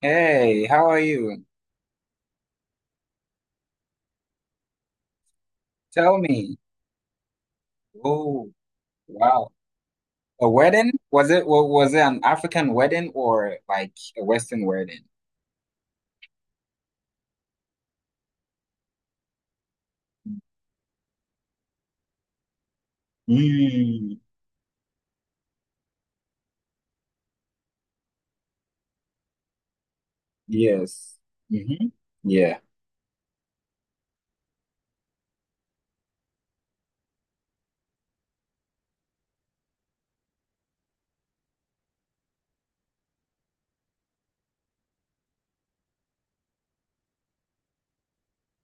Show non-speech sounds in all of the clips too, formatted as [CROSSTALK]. Hey, how are you? Tell me. Oh, wow. A wedding? Was it was it an African wedding or like a Western wedding? Mm, yes. Mm-hmm. Yeah.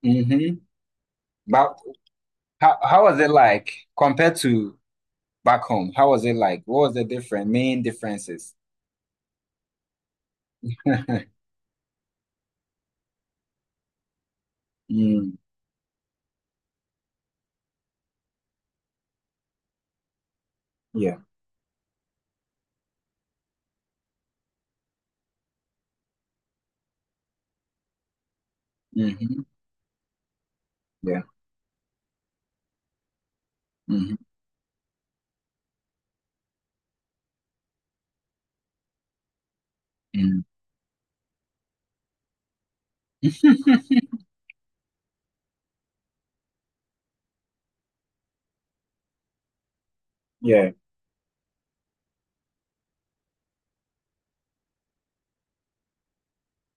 Mm-hmm. But how was it like compared to back home? How was it like? What was the different main differences? [LAUGHS] Mm, yeah. Mm-hmm. Yeah. Mm-hmm. Mm. [LAUGHS] Yeah.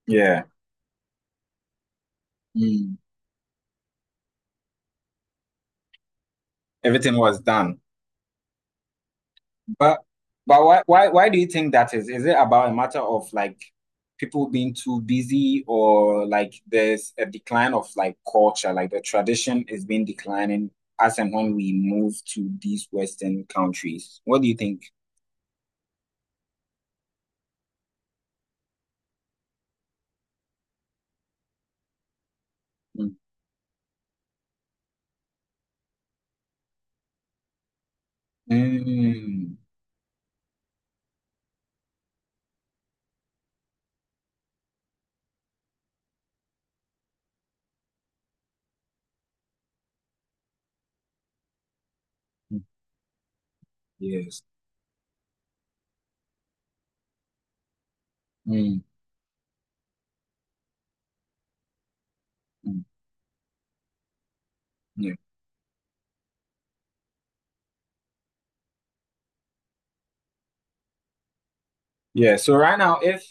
Yeah. Mm. Everything was done. But but why why do you think that is? Is it about a matter of like people being too busy or like there's a decline of like culture, like the tradition is being declining as and when we move to these Western countries? What do you think? Mm. Mm. Mm. Yes. Mm. Mm. Yeah. Yeah. So right now, if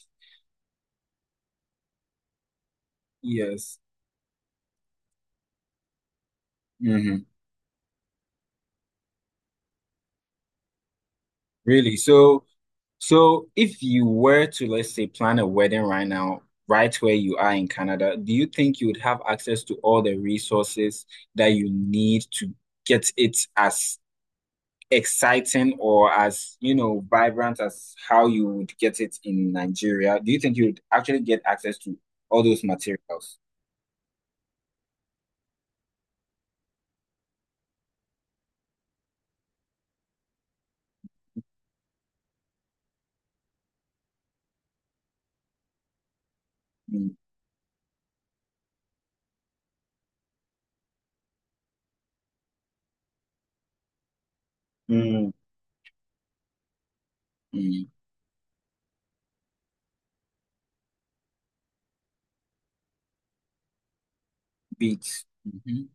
yes. Hmm. Really. So, if you were to, let's say, plan a wedding right now, right where you are in Canada, do you think you would have access to all the resources that you need to get it as exciting or as, you know, vibrant as how you would get it in Nigeria? Do you think you would actually get access to all those materials? Mm, mm, mm, beats. Mhm,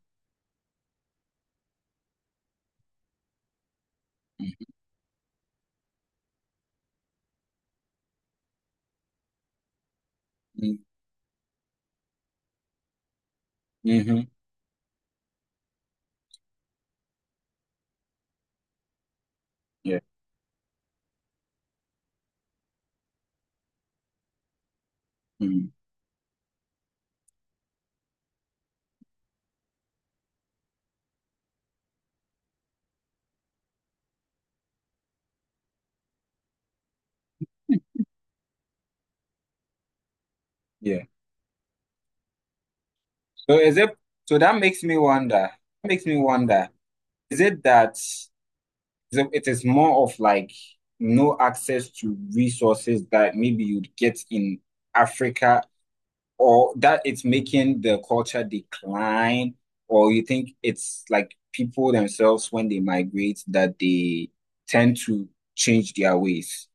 mhm, mm, mhm, yeah, mm, yeah. So, is it, so that makes me wonder, makes me wonder. Is it that so it is more of like no access to resources that maybe you'd get in Africa, or that it's making the culture decline, or you think it's like people themselves when they migrate that they tend to change their ways?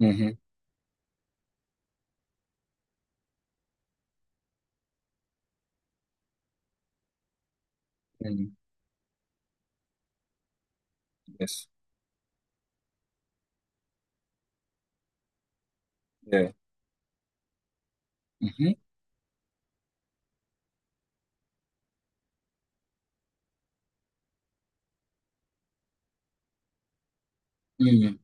Mm-hmm. Mm, yes. Yeah. Mm-hmm. Mm,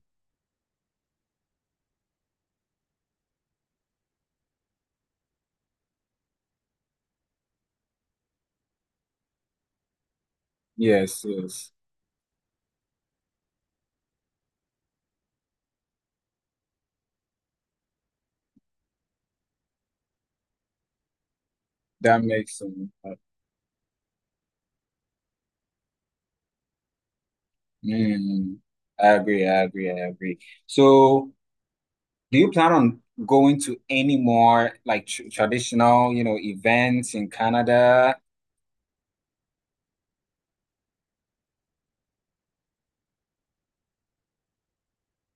yes. Yes. That makes sense. Mm, I agree. I agree. I agree. So. Do you plan on going to any more like tr traditional, you know, events in Canada?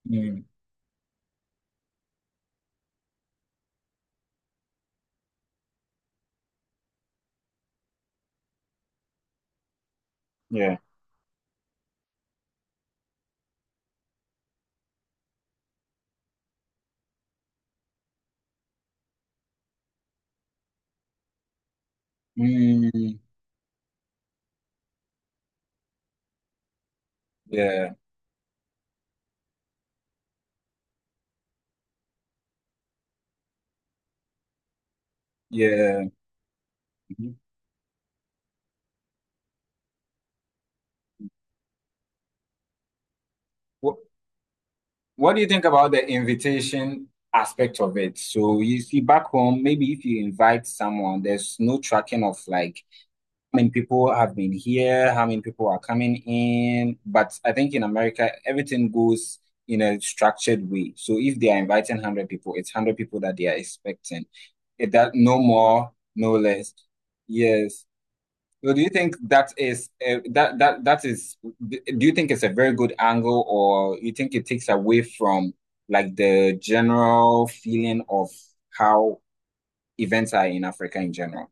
Mm, yeah. Mm, yeah. Yeah. What, what do you think about the invitation aspect of it? So you see back home, maybe if you invite someone, there's no tracking of like many people have been here, how many people are coming in. But I think in America, everything goes in a structured way. So if they are inviting 100 people, it's 100 people that they are expecting. It, that no more, no less. Yes. So do you think that is that that is do you think it's a very good angle or you think it takes away from like the general feeling of how events are in Africa in general?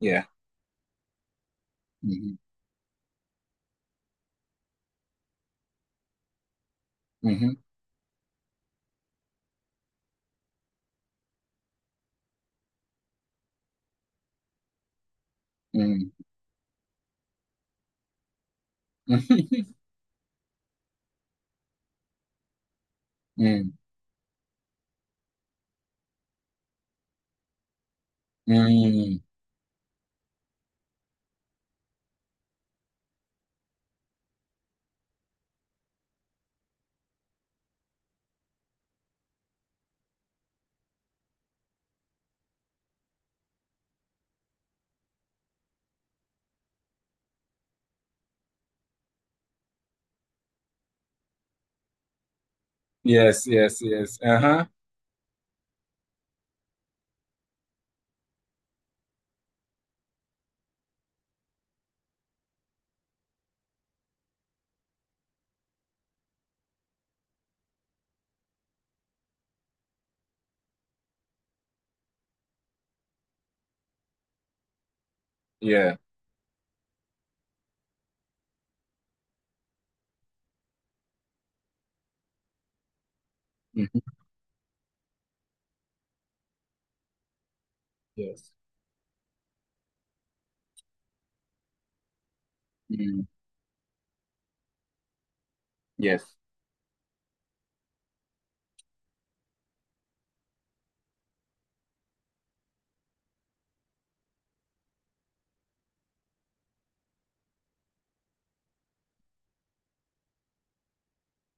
Yeah. Hmm. Hmm. Mm, [LAUGHS] mm. Mm. Yes, yes, yes. Uh-huh. Yeah. Mhm. Yes. Mm, yes.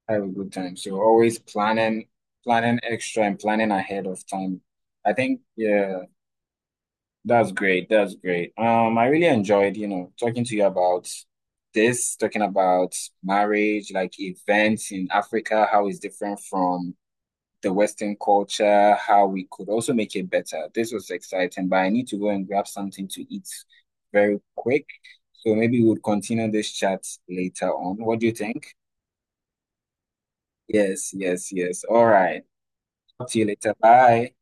Have a good time. So always planning, planning extra and planning ahead of time. I think, yeah, that's great. That's great. I really enjoyed, you know, talking to you about this, talking about marriage, like events in Africa, how it's different from the Western culture, how we could also make it better. This was exciting, but I need to go and grab something to eat very quick. So maybe we'll continue this chat later on. What do you think? Yes, yes, yes. All right. Talk to you later. Bye.